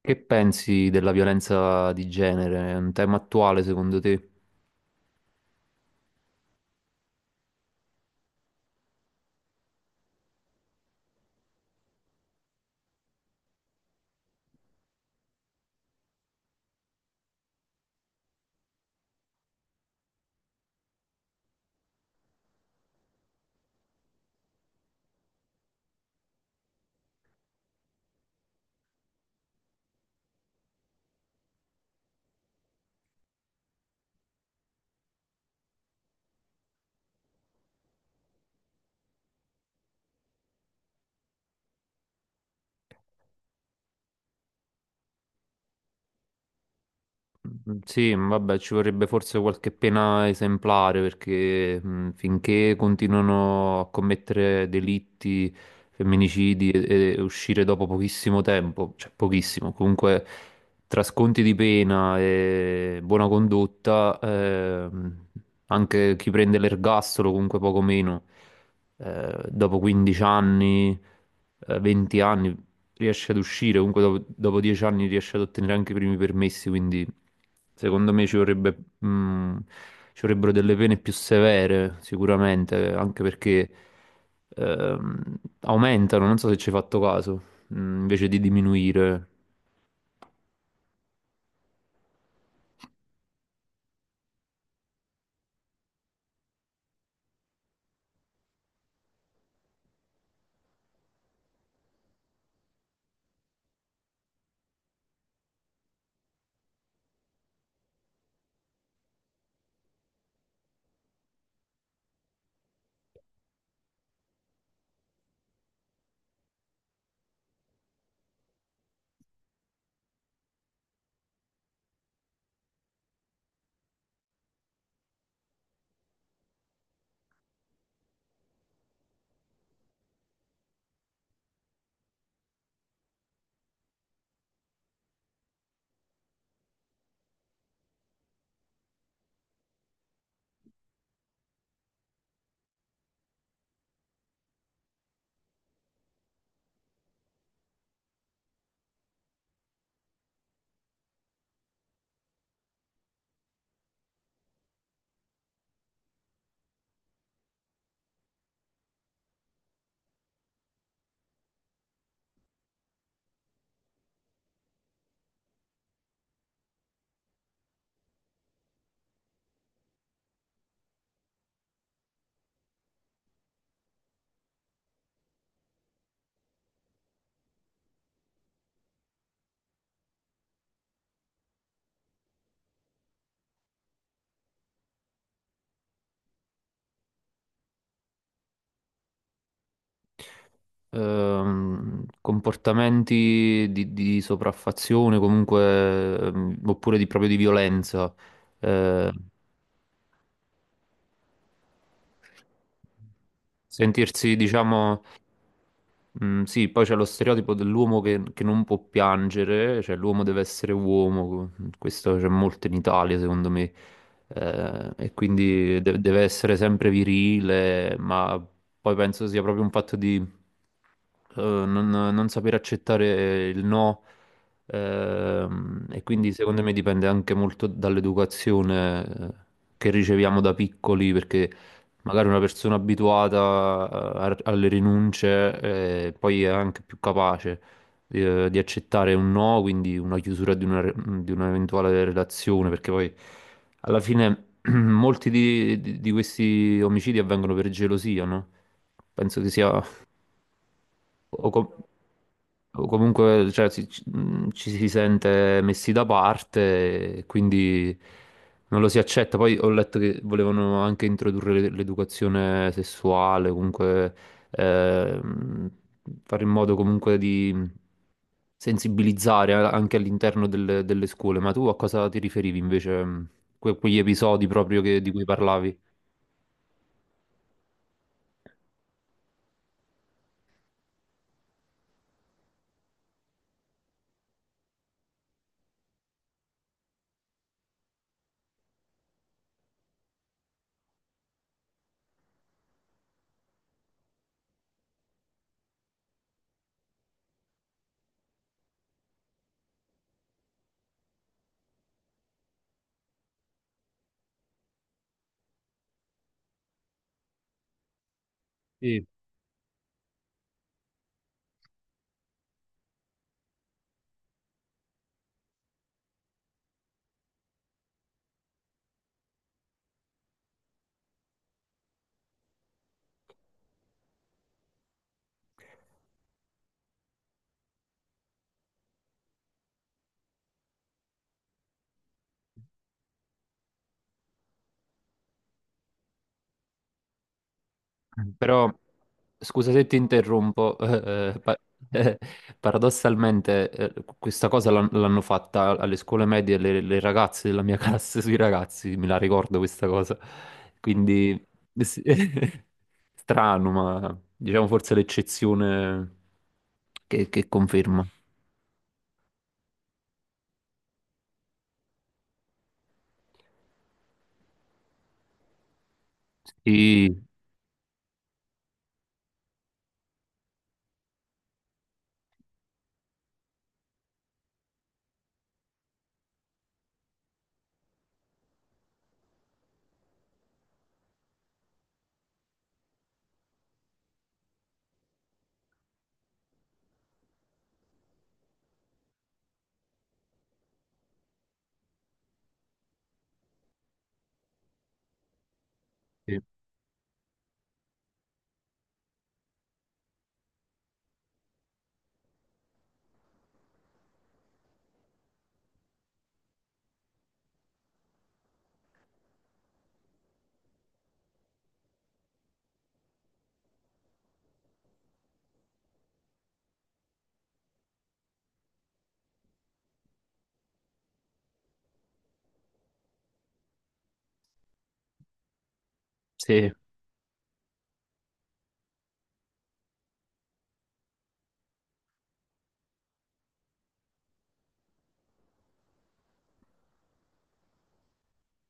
Che pensi della violenza di genere? È un tema attuale secondo te? Sì, vabbè, ci vorrebbe forse qualche pena esemplare perché finché continuano a commettere delitti, femminicidi e uscire dopo pochissimo tempo, cioè pochissimo, comunque tra sconti di pena e buona condotta, anche chi prende l'ergastolo comunque poco meno, dopo 15 anni, 20 anni, riesce ad uscire, comunque dopo, dopo 10 anni riesce ad ottenere anche i primi permessi, quindi secondo me ci vorrebbe, ci vorrebbero delle pene più severe sicuramente, anche perché ehm, aumentano, non so se ci hai fatto caso, invece di diminuire. Comportamenti di sopraffazione comunque oppure di, proprio di violenza eh, sentirsi diciamo sì, poi c'è lo stereotipo dell'uomo che non può piangere, cioè l'uomo deve essere uomo, questo c'è molto in Italia secondo me. E quindi deve essere sempre virile, ma poi penso sia proprio un fatto non sapere accettare il no, e quindi secondo me dipende anche molto dall'educazione che riceviamo da piccoli, perché magari una persona abituata alle rinunce, poi è anche più capace di accettare un no, quindi una chiusura di una, di un'eventuale relazione, perché poi alla fine molti di, di questi omicidi avvengono per gelosia, no? Penso che sia o, o comunque cioè, ci si sente messi da parte, e quindi non lo si accetta. Poi ho letto che volevano anche introdurre l'educazione sessuale, comunque ehm, fare in modo comunque di sensibilizzare anche all'interno delle, delle scuole. Ma tu a cosa ti riferivi invece? Quegli episodi proprio di cui parlavi? Sì. Però, scusa se ti interrompo, eh, paradossalmente questa cosa l'hanno fatta alle scuole medie le ragazze della mia classe sui ragazzi, me la ricordo questa cosa. Quindi, sì, strano, ma diciamo forse l'eccezione che conferma. Sì, sì, sì.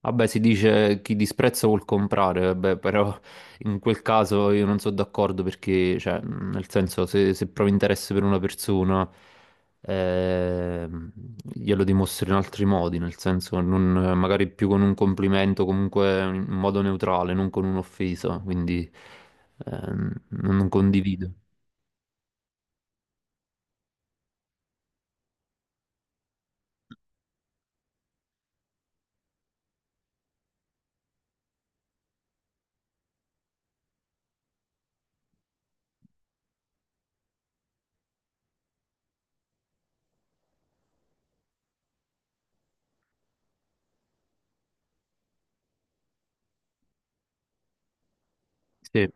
Vabbè, si dice chi disprezza vuol comprare, vabbè, però in quel caso io non sono d'accordo perché, cioè, nel senso, se provi interesse per una persona, ehm, glielo dimostri in altri modi, nel senso, magari più con un complimento, comunque in modo neutrale, non con un'offesa, quindi non condivido. Sì.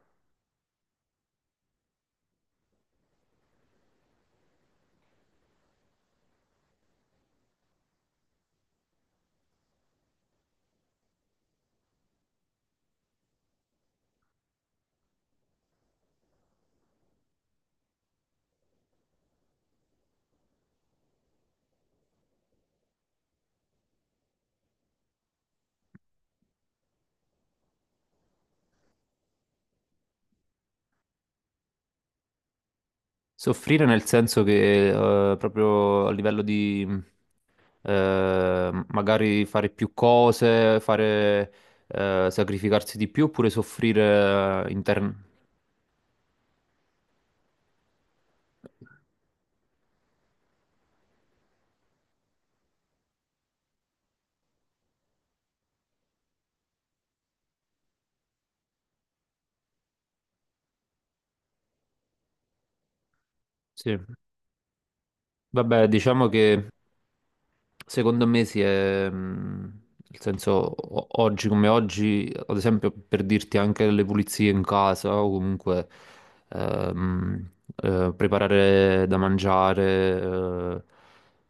Soffrire nel senso che proprio a livello di magari fare più cose, fare sacrificarsi di più oppure soffrire intern- Sì. Vabbè, diciamo che secondo me si è, nel senso, oggi come oggi, ad esempio per dirti anche le pulizie in casa o comunque ehm, preparare da mangiare,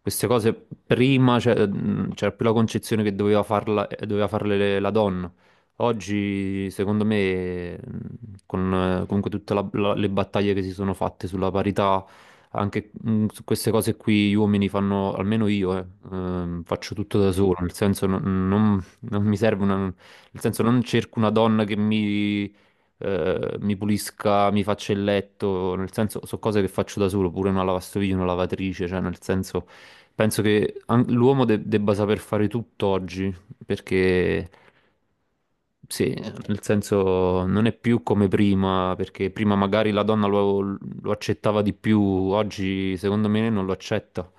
queste cose prima c'era più la concezione che doveva farla, doveva farle la donna. Oggi, secondo me, con comunque tutte le battaglie che si sono fatte sulla parità, anche su queste cose qui gli uomini fanno, almeno io, faccio tutto da solo, nel senso non mi serve una, nel senso non cerco una donna che mi, mi pulisca, mi faccia il letto, nel senso sono cose che faccio da solo, pure una lavastoviglie, una lavatrice, cioè nel senso penso che l'uomo debba saper fare tutto oggi, perché... Sì, nel senso non è più come prima, perché prima magari la donna lo, lo accettava di più, oggi secondo me non lo accetta.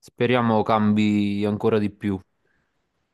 Speriamo cambi ancora di più.